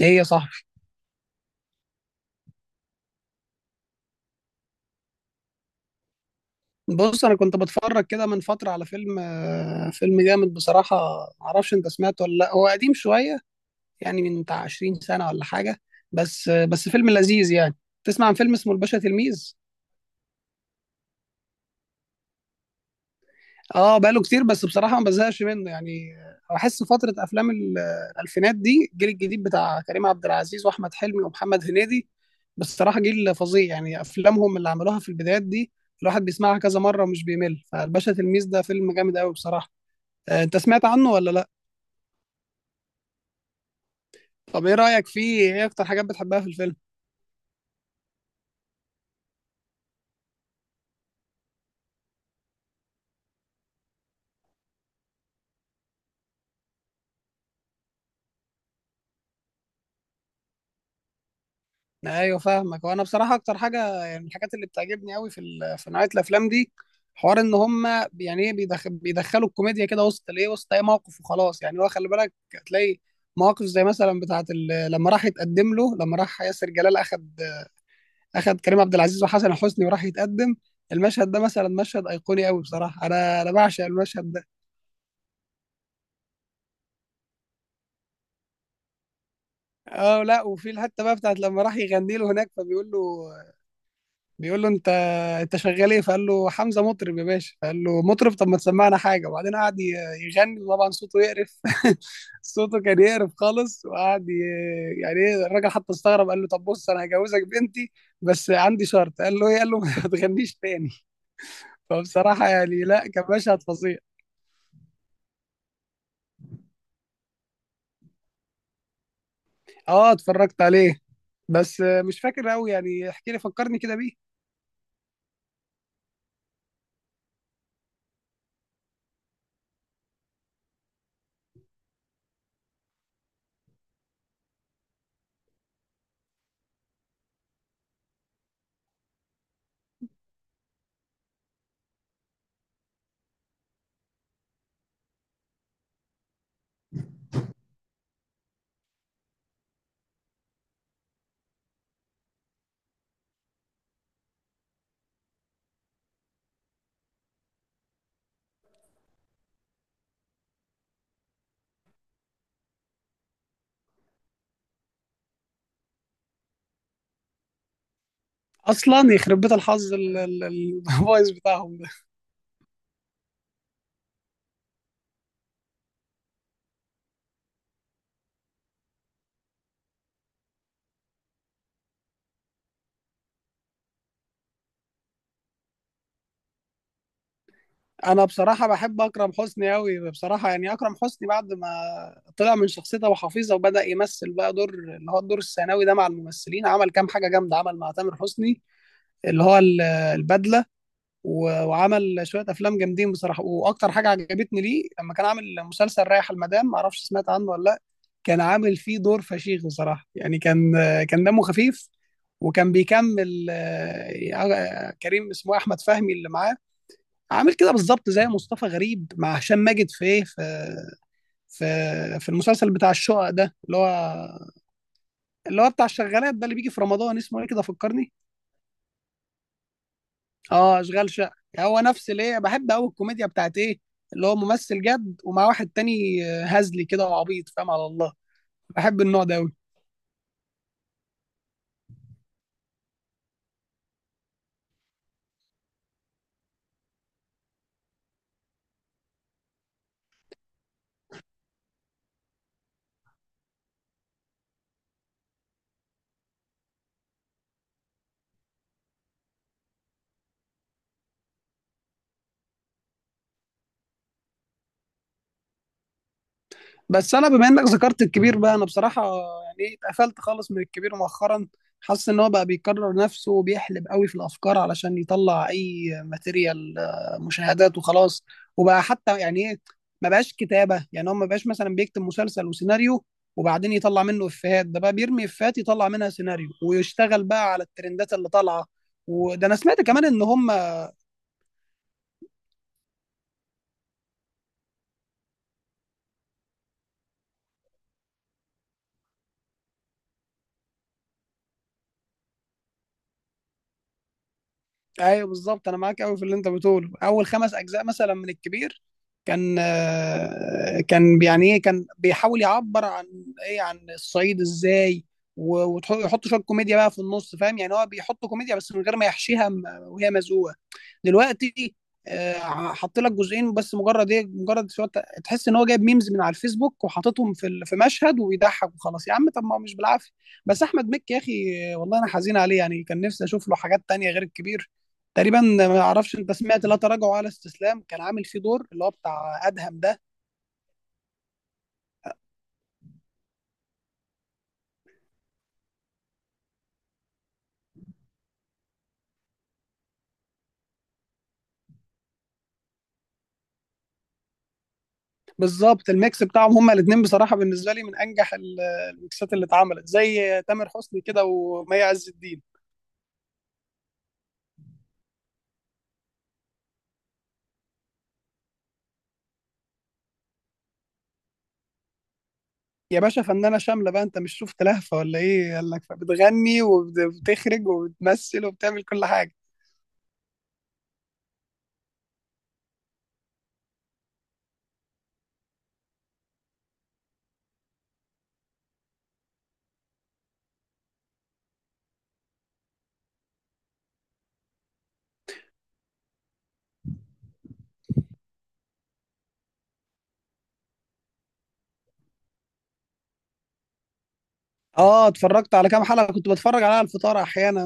ايه يا صاحبي؟ بص، انا كنت بتفرج كده من فتره على فيلم، فيلم جامد بصراحه. معرفش انت سمعته ولا لا، هو قديم شويه، يعني من بتاع 20 سنه ولا حاجه. بس فيلم لذيذ يعني. تسمع عن فيلم اسمه الباشا تلميذ؟ اه، بقاله كتير، بس بصراحه ما بزهقش منه يعني. بحس فتره افلام الالفينات دي، الجيل الجديد بتاع كريم عبد العزيز واحمد حلمي ومحمد هنيدي، بصراحه جيل فظيع، يعني افلامهم اللي عملوها في البدايات دي الواحد بيسمعها كذا مره ومش بيمل. فالباشا تلميذ ده فيلم جامد قوي بصراحه. انت سمعت عنه ولا لا؟ طب ايه رأيك فيه؟ ايه اكتر حاجات بتحبها في الفيلم؟ ايوه، فاهمك. وانا بصراحة اكتر حاجة يعني من الحاجات اللي بتعجبني قوي في في نوعية الافلام دي، حوار ان هم يعني ايه بيدخلوا الكوميديا كده وسط الايه وسط اي موقف وخلاص. يعني هو خلي بالك هتلاقي مواقف زي مثلا بتاعه لما راح ياسر جلال اخد، اخد كريم عبد العزيز وحسن حسني وراح يتقدم. المشهد ده مثلا مشهد ايقوني قوي بصراحة، انا بعشق المشهد ده. اه لا، وفي الحته بقى بتاعت لما راح يغني له هناك، فبيقول له، بيقول له انت، انت شغال ايه؟ فقال له: حمزه، مطرب يا باشا. فقال له: مطرب؟ طب ما تسمعنا حاجه. وبعدين قعد يغني، وطبعا صوته يقرف صوته كان يقرف خالص، وقعد يعني ايه، الراجل حتى استغرب، قال له: طب بص، انا هجوزك بنتي بس عندي شرط. قال له: ايه؟ قال له ما تغنيش تاني. فبصراحه يعني لا، كان مشهد فظيع. اه، اتفرجت عليه، بس مش فاكر قوي يعني. احكي لي، فكرني كده بيه. اصلا يخرب بيت الحظ البايظ بتاعهم. انا بصراحه بحب اكرم حسني قوي بصراحه. يعني اكرم حسني بعد ما طلع من شخصيته ابو حفيظه وبدا يمثل بقى دور اللي هو الدور الثانوي ده مع الممثلين، عمل كام حاجه جامده. عمل مع تامر حسني اللي هو البدله، وعمل شويه افلام جامدين بصراحه. واكتر حاجه عجبتني ليه لما كان عامل مسلسل رايح المدام، ما اعرفش سمعت عنه ولا لا. كان عامل فيه دور فشيخ بصراحه، يعني كان، كان دمه خفيف، وكان بيكمل كريم، اسمه احمد فهمي، اللي معاه. عامل كده بالظبط زي مصطفى غريب مع هشام ماجد في ايه، في في المسلسل بتاع الشقق ده، اللي هو اللي هو بتاع الشغالات ده اللي بيجي في رمضان. اسمه ايه كده، فكرني. اه، اشغال شقه. هو نفس ليه بحب قوي الكوميديا بتاعت ايه، اللي هو ممثل جد ومع واحد تاني هزلي كده وعبيط، فاهم على الله. بحب النوع ده قوي. بس انا بما انك ذكرت الكبير بقى، انا بصراحه يعني اتقفلت خالص من الكبير مؤخرا. حاسس ان هو بقى بيكرر نفسه وبيحلب قوي في الافكار علشان يطلع اي ماتيريال، مشاهدات وخلاص. وبقى حتى يعني ايه، ما بقاش كتابه. يعني هو ما بقاش مثلا بيكتب مسلسل وسيناريو وبعدين يطلع منه افيهات. ده بقى بيرمي افيهات يطلع منها سيناريو، ويشتغل بقى على الترندات اللي طالعه. وده انا سمعت كمان ان هم. ايوه، بالظبط، انا معاك قوي في اللي انت بتقوله. اول خمس اجزاء مثلا من الكبير كان، كان يعني ايه، بيحاول يعبر عن، عن الصعيد، ازاي ويحط شويه كوميديا بقى في النص، فاهم؟ يعني هو بيحط كوميديا بس من غير ما يحشيها وهي مزقوقه. دلوقتي حط لك جزئين بس مجرد ايه، مجرد تحس ان هو جايب ميمز من على الفيسبوك وحاططهم في في مشهد وبيضحك وخلاص. يا عم طب ما هو مش بالعافيه. بس احمد مكي يا اخي، والله انا حزين عليه، يعني كان نفسي اشوف له حاجات تانية غير الكبير. تقريبا، ما اعرفش انت سمعت لا تراجع ولا استسلام؟ كان عامل فيه دور اللي هو بتاع ادهم ده. بالظبط، الميكس بتاعهم هما الاثنين بصراحه بالنسبه لي من انجح الميكسات اللي اتعملت، زي تامر حسني كده ومي عز الدين. يا باشا فنانة شاملة بقى، انت مش شفت لهفة ولا ايه؟ قال لك بتغني وبتخرج وبتمثل وبتعمل كل حاجة. اه، اتفرجت على كام حلقة، كنت بتفرج عليها على الفطار احيانا.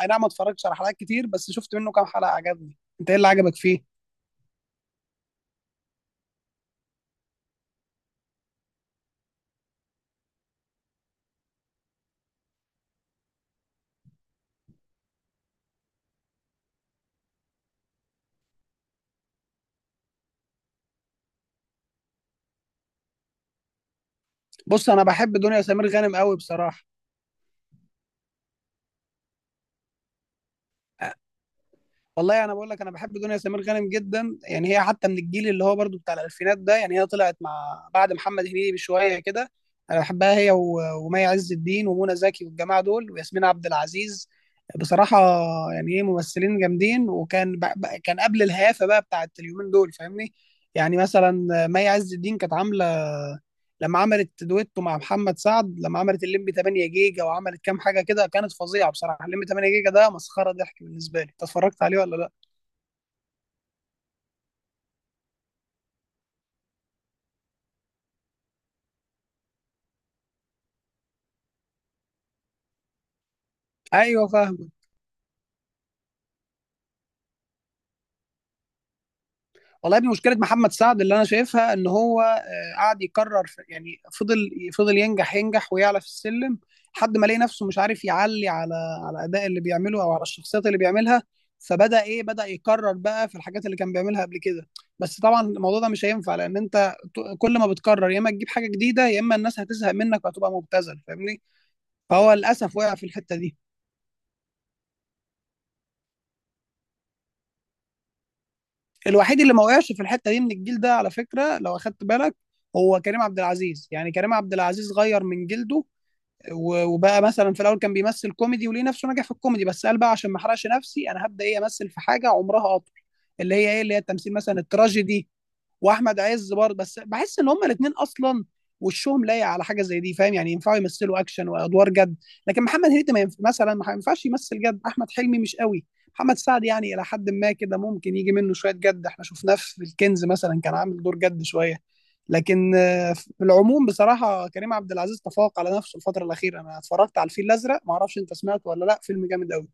اي نعم، ما اتفرجتش على حلقات كتير، بس شفت منه كام حلقة عجبني. انت ايه اللي عجبك فيه؟ بص انا بحب دنيا سمير غانم قوي بصراحة. والله انا بقول لك، انا بحب دنيا سمير غانم جدا، يعني هي حتى من الجيل اللي هو برضو بتاع الالفينات ده، يعني هي طلعت مع، بعد محمد هنيدي بشويه كده. انا بحبها هي ومي عز الدين ومنى زكي والجماعه دول وياسمين عبد العزيز بصراحه. يعني ايه، ممثلين جامدين، وكان كان قبل الهيافه بقى بتاعت اليومين دول، فاهمني؟ يعني مثلا مي عز الدين كانت عامله لما عملت دويتو مع محمد سعد، لما عملت الليمبي 8 جيجا وعملت كام حاجه كده كانت فظيعه بصراحه. الليمبي 8 جيجا ده مسخره ضحك بالنسبه لي. انت اتفرجت عليه ولا لا؟ ايوه فاهم. والله يا ابني، مشكله محمد سعد اللي انا شايفها ان هو قعد يكرر يعني فضل فضل ينجح، ينجح ويعلى في السلم، لحد ما لقى نفسه مش عارف يعلي على، على الاداء اللي بيعمله او على الشخصيات اللي بيعملها. فبدا ايه، بدا يكرر بقى في الحاجات اللي كان بيعملها قبل كده. بس طبعا الموضوع ده مش هينفع، لان انت كل ما بتكرر يا اما تجيب حاجه جديده يا اما الناس هتزهق منك وهتبقى مبتذل، فاهمني؟ فهو للاسف وقع في الحته دي. الوحيد اللي ما وقعش في الحته دي من الجيل ده على فكره، لو اخدت بالك، هو كريم عبد العزيز. يعني كريم عبد العزيز غير من جلده، وبقى مثلا في الاول كان بيمثل كوميدي وليه نفسه نجح في الكوميدي، بس قال بقى عشان ما احرقش نفسي انا هبدا ايه، امثل في حاجه عمرها اطول، اللي هي التمثيل مثلا التراجيدي. واحمد عز برضه، بس بحس ان هما الاثنين اصلا وشهم لايق على حاجه زي دي، فاهم؟ يعني ينفعوا يمثلوا اكشن وادوار جد. لكن محمد هنيدي ما ينف... مثلا ما ينفعش يمثل جد. احمد حلمي مش قوي. محمد سعد يعني الى حد ما كده ممكن يجي منه شويه جد، احنا شفناه في الكنز مثلا كان عامل دور جد شويه. لكن في العموم بصراحه كريم عبد العزيز تفوق على نفسه الفتره الاخيره. انا اتفرجت على الفيل الازرق، ما اعرفش انت سمعته ولا لا، فيلم جامد قوي.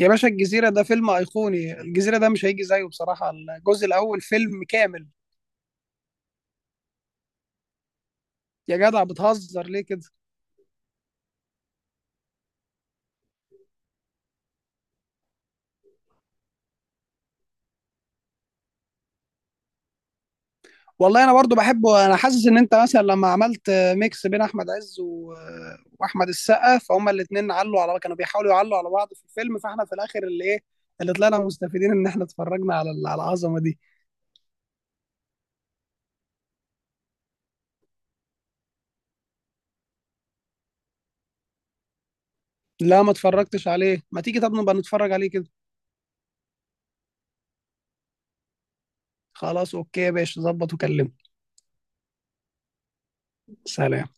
يا باشا الجزيره ده فيلم ايقوني، الجزيره ده مش هيجي زيه بصراحه، الجزء الاول فيلم كامل. يا جدع بتهزر ليه كده؟ والله انا برضو بحبه. انا حاسس ان انت مثلا لما عملت ميكس بين احمد عز واحمد السقا، فهما الاثنين علوا على، بيحاولوا يعلوا على بعض في الفيلم، فاحنا في الاخر اللي ايه، اللي طلعنا مستفيدين ان احنا اتفرجنا على على العظمه دي. لا، ما اتفرجتش عليه. ما تيجي طب نبقى نتفرج عليه كده؟ خلاص، اوكي يا باشا، ظبط وكلمني. سلام.